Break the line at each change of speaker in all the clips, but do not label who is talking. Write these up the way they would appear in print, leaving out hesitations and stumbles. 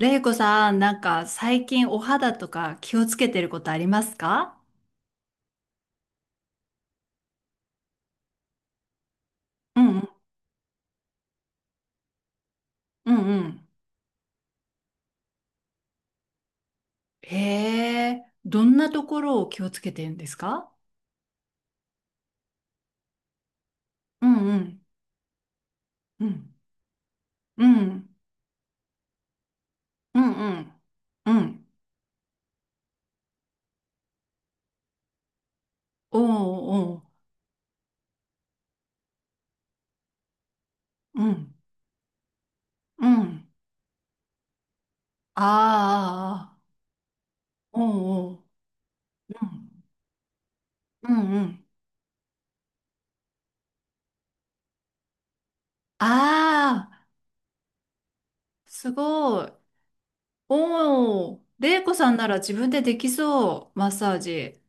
れいこさん、なんか最近お肌とか気をつけてることありますか？うんうんうんうん。へえ、どんなところを気をつけてるんですか？うんうんうんうんうんうんうんおうおううんうんああおうおううんうんうんああすごい。おお、れいこさんなら自分でできそう、マッサージ。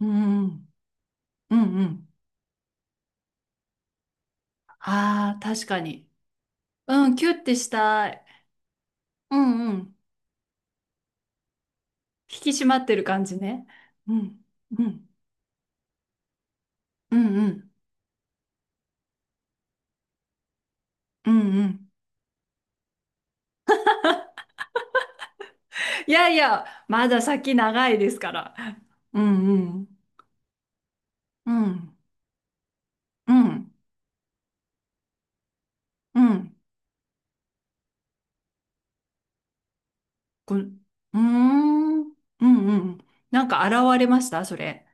うんうんうんうん。ああ、確かに。うん、キュッてしたい。うんうん。引き締まってる感じね。うん、うん、うん、うん、うんうん。いやいや、まだ先長いですから。うんうん、うん、うん、うん。こん、うーん、うんうんうんこうーんうんうん。なんか現れましたそれ。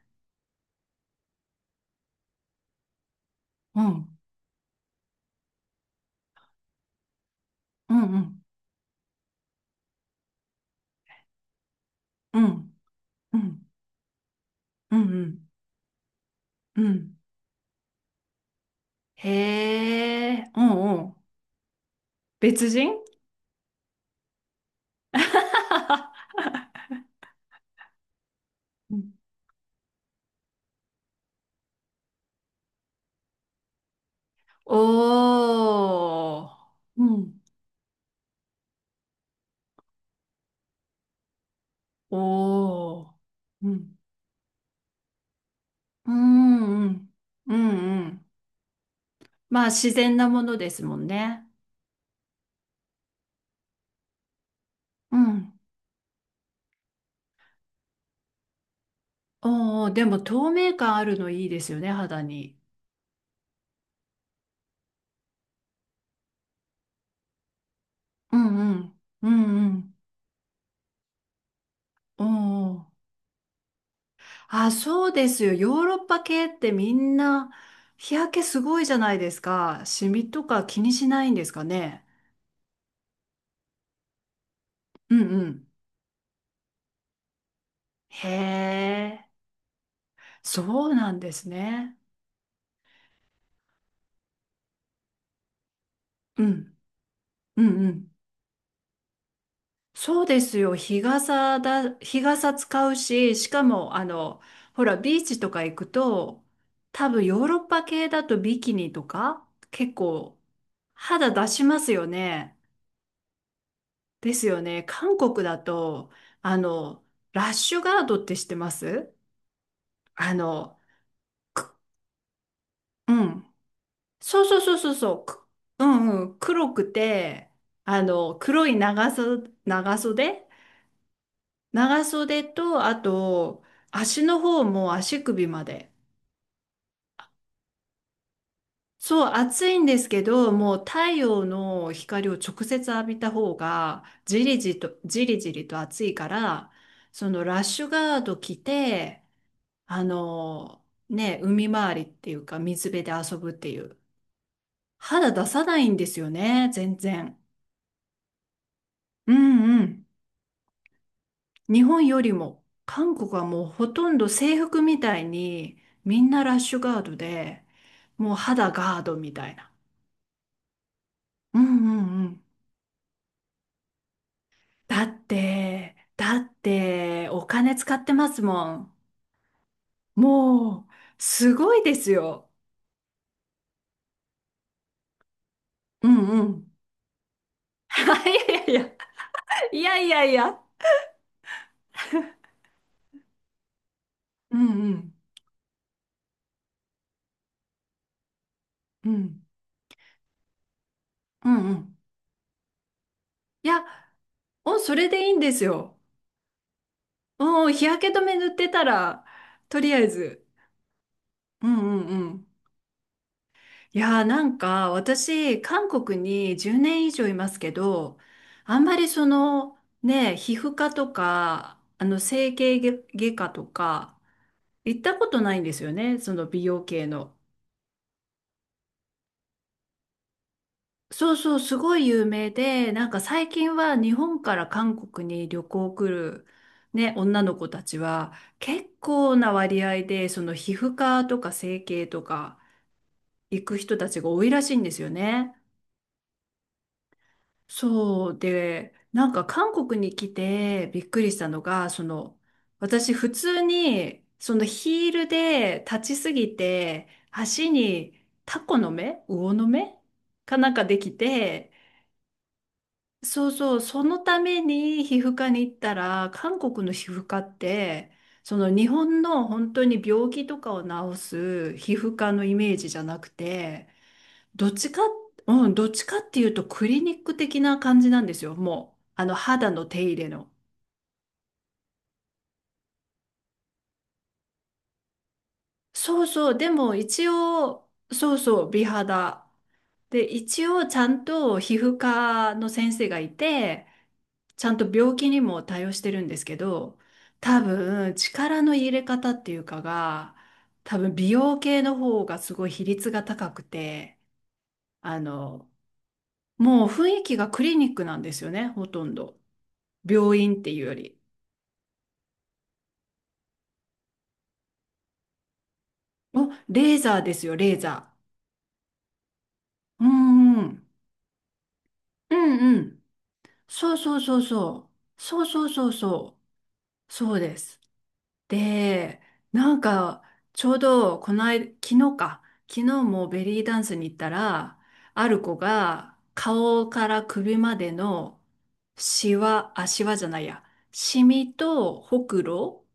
うん、うんうん、うん、うん、うん、うん。うん、へえ、うんうん。別人。 うん。おー。うん。おお。うん。うんうん。うんうん。まあ自然なものですもんね。うん。おお、でも透明感あるのいいですよね、肌に。うんうん。うんうん。おお。あ、そうですよ。ヨーロッパ系ってみんな日焼けすごいじゃないですか。シミとか気にしないんですかね。うんうん。へえ。そうなんですね。うん。うんうん。そうですよ。日傘だ、日傘使うし、しかも、ほら、ビーチとか行くと、多分ヨーロッパ系だとビキニとか、結構肌出しますよね。ですよね。韓国だと、あの、ラッシュガードって知ってますあの、く、うん。そうそうそうそうそう。くうんうん。黒くて、あの、黒い長袖、長袖、長袖と、あと、足の方も足首まで。そう、暑いんですけど、もう太陽の光を直接浴びた方が、じりじりと、じりじりと暑いから、そのラッシュガード着て、あの、ね、海回りっていうか、水辺で遊ぶっていう。肌出さないんですよね、全然。うんうん。日本よりも韓国はもうほとんど制服みたいにみんなラッシュガードで、もう肌ガードみたいな。うんうんうん。だってだってお金使ってますもん。もうすごいですよ。うんうん。いやいやいやいやいやいや。うんうんうんうんうん。いや、お、それでいいんですよ。うん、日焼け止め塗ってたら、とりあえず。うんうんうん。いやー、なんか私韓国に10年以上いますけど、あんまりその、ね、皮膚科とか整形外科とか行ったことないんですよね、その美容系の。そうそう、すごい有名で、なんか最近は日本から韓国に旅行来るね、女の子たちは結構な割合でその皮膚科とか整形とか行く人たちが多いらしいんですよね。そうで、なんか韓国に来てびっくりしたのが、その、私普通に、そのヒールで立ちすぎて、足にタコの目、魚の目かなんかできて、そうそう、そのために皮膚科に行ったら、韓国の皮膚科って、その日本の本当に病気とかを治す皮膚科のイメージじゃなくて、どっちか、うん、どっちかっていうとクリニック的な感じなんですよ。もう、あの、肌の手入れの。そうそう、でも一応、そうそう、美肌。で、一応ちゃんと皮膚科の先生がいて、ちゃんと病気にも対応してるんですけど、多分、力の入れ方っていうかが、多分美容系の方がすごい比率が高くて、あの、もう雰囲気がクリニックなんですよね、ほとんど。病院っていうより。お、レーザーですよ、レーザー。うんうん。うんうん。そうそうそうそう。そうそうそうそう。そうです。で、なんか、ちょうど、この間、昨日か。昨日もベリーダンスに行ったら、ある子が、顔から首までの、シワ、あ、シワじゃないや。シミと、ほくろ、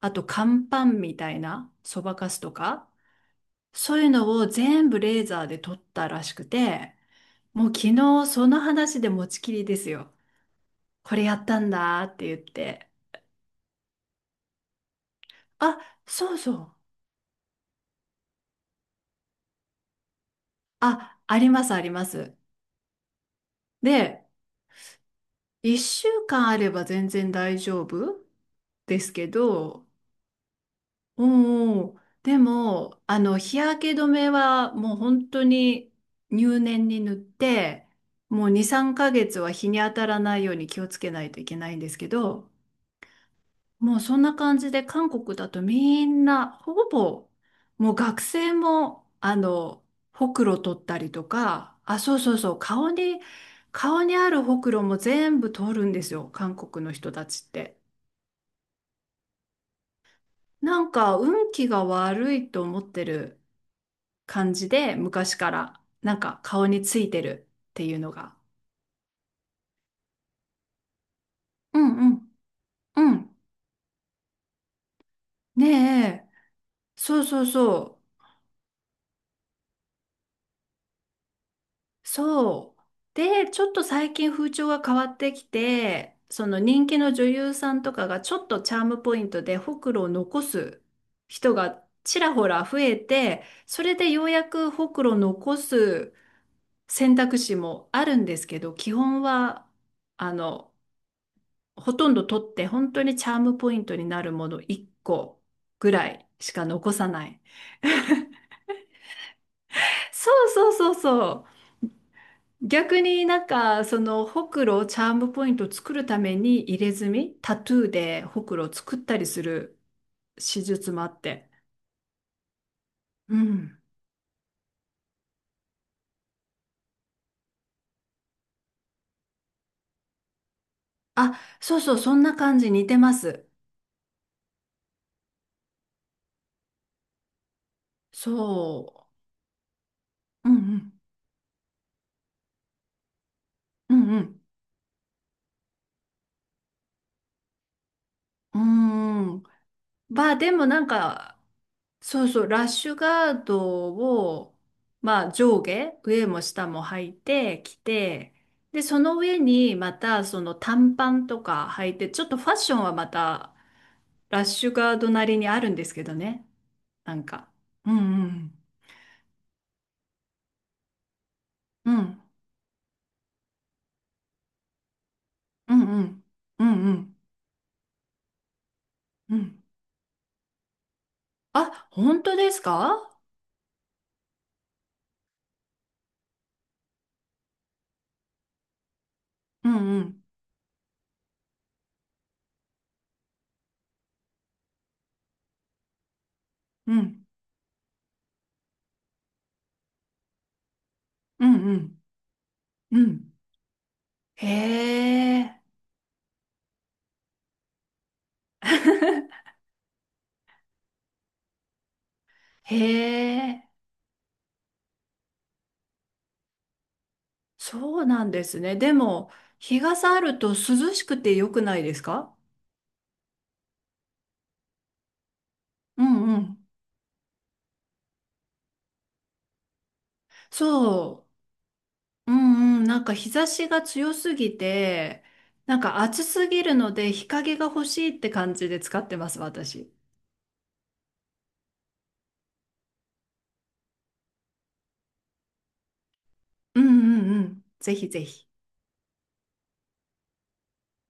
あと、乾パンみたいな、そばかすとか、そういうのを全部レーザーで取ったらしくて、もう昨日その話で持ちきりですよ。これやったんだって言って。あ、そうそう。あ、ありますあります。で、1週間あれば全然大丈夫ですけど、うんうん。でも、あの、日焼け止めはもう本当に入念に塗って、もう2、3ヶ月は日に当たらないように気をつけないといけないんですけど、もうそんな感じで韓国だとみんなほぼもう学生もほくろ取ったりとか、あ、そうそうそう、顔に、顔にあるほくろも全部取るんですよ韓国の人たちって。なんか運気が悪いと思ってる感じで、昔からなんか顔についてるっていうのが。うんうんうん。ねえ、そうそうそう。そう。で、ちょっと最近風潮が変わってきて、その人気の女優さんとかがちょっとチャームポイントでほくろを残す人がちらほら増えて、それでようやくほくろを残す選択肢もあるんですけど、基本は、あの、ほとんど取って本当にチャームポイントになるもの1個ぐらいしか残さない。そうそうそうそう。逆になんかそのほくろをチャームポイントを作るために入れ墨、タトゥーでほくろを作ったりする手術もあって。うん、あ、そうそう、そんな感じ、似てます。そう、うんうんうんうんうーん、まあでもなんか、そうそう、ラッシュガードを、まあ上下、上も下も履いてきて、で、その上にまたその短パンとか履いて、ちょっとファッションはまたラッシュガードなりにあるんですけどね。なんか。うんうん。うん。うんうん。うんうん。うん、あ、本当ですか？うんうん。うん。うんうん。うん。へえ。へえ。そうなんですね。でも、日傘あると涼しくて良くないですか？うんうん。そう。うんうん。なんか日差しが強すぎて、なんか暑すぎるので日陰が欲しいって感じで使ってます、私。うんうんうん。ぜひぜひ。